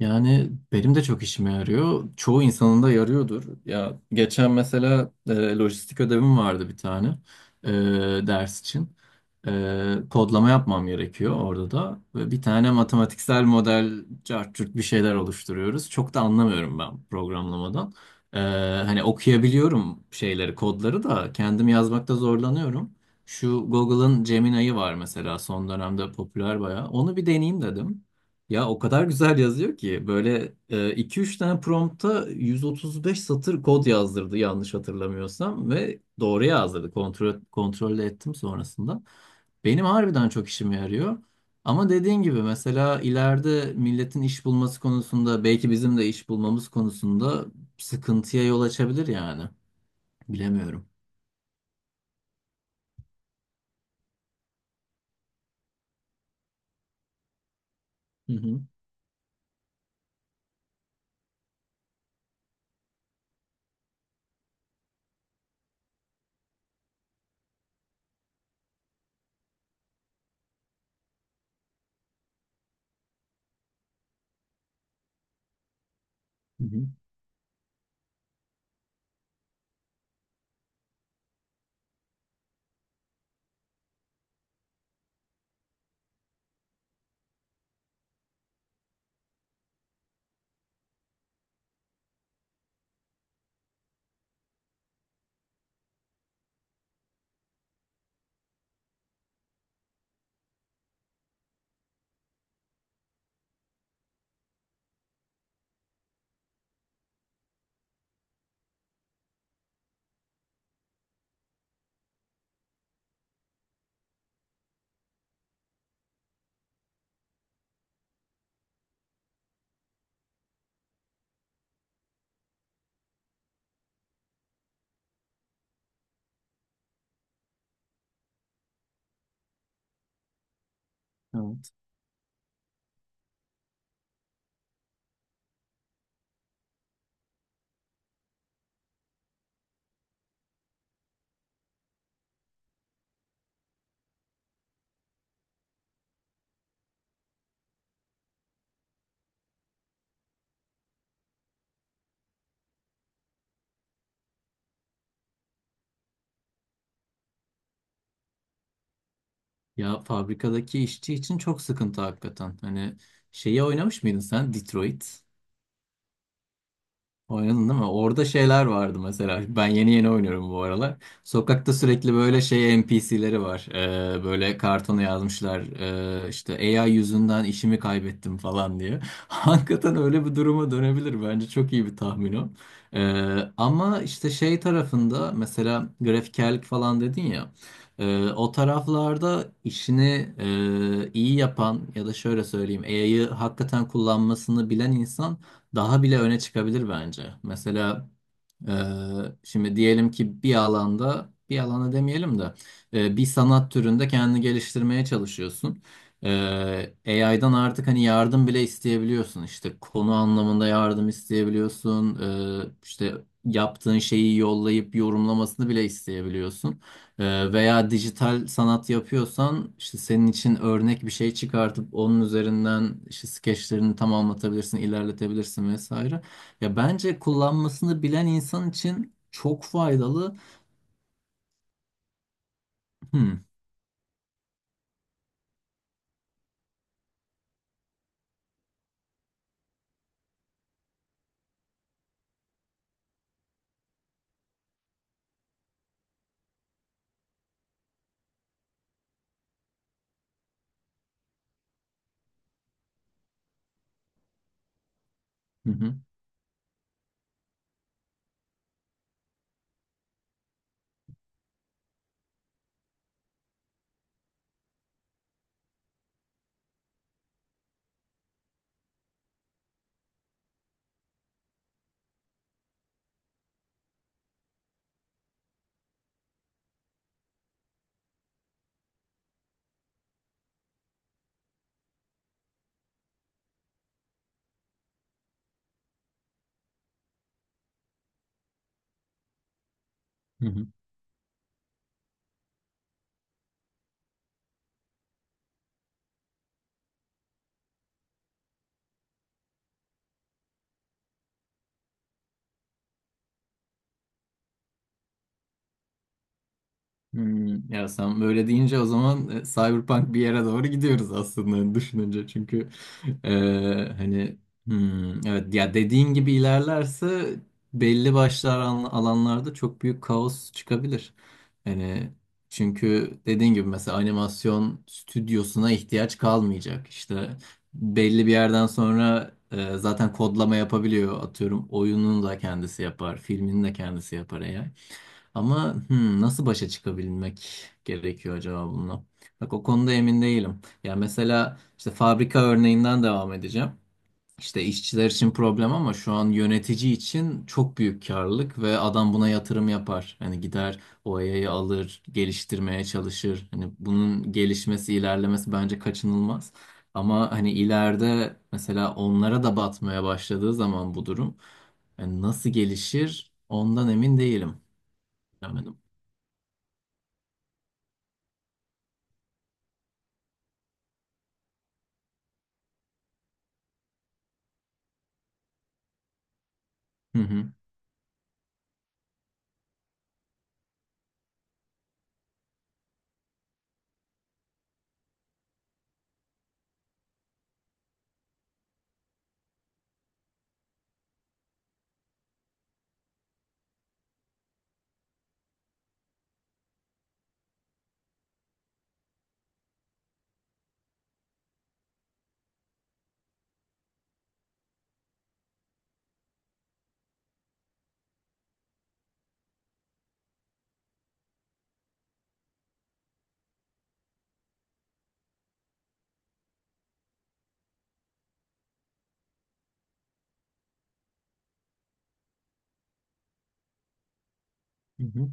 Yani benim de çok işime yarıyor. Çoğu insanın da yarıyordur. Ya geçen mesela lojistik ödevim vardı bir tane ders için kodlama yapmam gerekiyor orada da. Ve bir tane matematiksel model cart curt bir şeyler oluşturuyoruz. Çok da anlamıyorum ben programlamadan. E, hani okuyabiliyorum şeyleri, kodları da kendim yazmakta zorlanıyorum. Şu Google'ın Gemini'yi var mesela son dönemde popüler bayağı. Onu bir deneyeyim dedim. Ya o kadar güzel yazıyor ki böyle iki üç tane prompta 135 satır kod yazdırdı yanlış hatırlamıyorsam ve doğru yazdırdı. Kontrol de ettim sonrasında. Benim harbiden çok işime yarıyor. Ama dediğin gibi mesela ileride milletin iş bulması konusunda belki bizim de iş bulmamız konusunda sıkıntıya yol açabilir yani. Bilemiyorum. Hı hı. Hı hı. Evet. Ya fabrikadaki işçi için çok sıkıntı hakikaten. Hani şeyi oynamış mıydın sen? Detroit. Oynadın değil mi? Orada şeyler vardı mesela. Ben yeni yeni oynuyorum bu aralar. Sokakta sürekli böyle şey NPC'leri var. Böyle kartona yazmışlar. İşte AI yüzünden işimi kaybettim falan diye. Hakikaten öyle bir duruma dönebilir. Bence çok iyi bir tahmin o. Ama işte şey tarafında mesela grafikerlik falan dedin ya. O taraflarda işini iyi yapan ya da şöyle söyleyeyim AI'yı hakikaten kullanmasını bilen insan daha bile öne çıkabilir bence. Mesela ee, şimdi diyelim ki bir alanda, bir alana demeyelim de bir sanat türünde kendini geliştirmeye çalışıyorsun. AI'dan artık hani yardım bile isteyebiliyorsun. İşte konu anlamında yardım isteyebiliyorsun. İşte yaptığın şeyi yollayıp yorumlamasını bile isteyebiliyorsun. Veya dijital sanat yapıyorsan işte senin için örnek bir şey çıkartıp onun üzerinden işte skeçlerini tamamlatabilirsin, ilerletebilirsin vesaire. Ya bence kullanmasını bilen insan için çok faydalı. Hmm. Hı hı. Hı hı. Hmm. Ya sen böyle deyince o zaman Cyberpunk bir yere doğru gidiyoruz aslında düşününce. Çünkü Ee, hani evet ya dediğin gibi ilerlerse belli başlı alanlarda çok büyük kaos çıkabilir. Hani çünkü dediğin gibi mesela animasyon stüdyosuna ihtiyaç kalmayacak. İşte belli bir yerden sonra zaten kodlama yapabiliyor. Atıyorum oyunun da kendisi yapar, filmin de kendisi yapar AI. Ama hmm, nasıl başa çıkabilmek gerekiyor acaba bununla? Bak o konuda emin değilim. Ya mesela işte fabrika örneğinden devam edeceğim. İşte işçiler için problem ama şu an yönetici için çok büyük karlılık ve adam buna yatırım yapar. Hani gider o OYA'yı alır, geliştirmeye çalışır. Hani bunun gelişmesi, ilerlemesi bence kaçınılmaz. Ama hani ileride mesela onlara da batmaya başladığı zaman bu durum yani nasıl gelişir ondan emin değilim. Yani. Hı hı. Hı hı.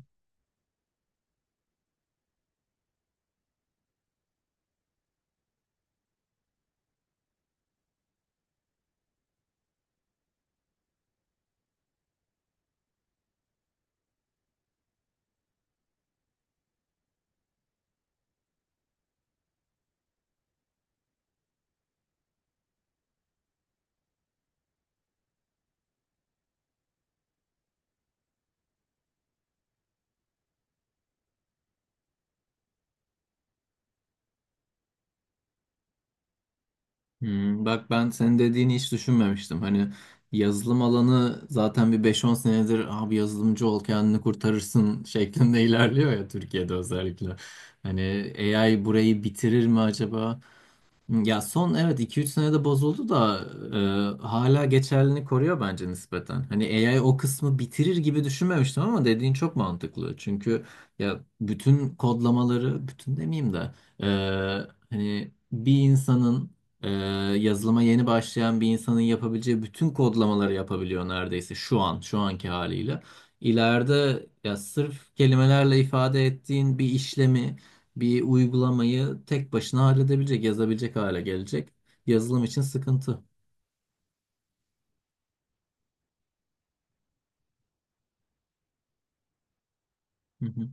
Hmm. Bak ben senin dediğini hiç düşünmemiştim. Hani yazılım alanı zaten bir 5-10 senedir abi yazılımcı ol kendini kurtarırsın şeklinde ilerliyor ya Türkiye'de özellikle. Hani AI burayı bitirir mi acaba? Ya son evet 2-3 senede bozuldu da hala geçerliliğini koruyor bence nispeten. Hani AI o kısmı bitirir gibi düşünmemiştim ama dediğin çok mantıklı. Çünkü ya bütün kodlamaları, bütün demeyeyim de e, hani bir e, yazılıma yeni başlayan bir insanın yapabileceği bütün kodlamaları yapabiliyor neredeyse şu anki haliyle. İleride ya sırf kelimelerle ifade ettiğin bir işlemi bir uygulamayı tek başına halledebilecek, yazabilecek hale gelecek. Yazılım için sıkıntı. Hı hı.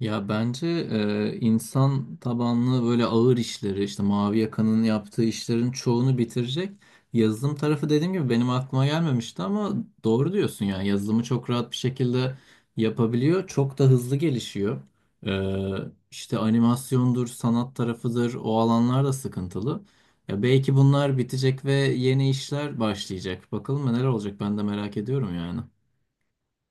Ya bence insan tabanlı böyle ağır işleri işte Mavi Yaka'nın yaptığı işlerin çoğunu bitirecek. Yazılım tarafı dediğim gibi benim aklıma gelmemişti ama doğru diyorsun yani yazılımı çok rahat bir şekilde yapabiliyor. Çok da hızlı gelişiyor. E, işte animasyondur, sanat tarafıdır o alanlar da sıkıntılı. Ya belki bunlar bitecek ve yeni işler başlayacak. Bakalım neler olacak ben de merak ediyorum yani.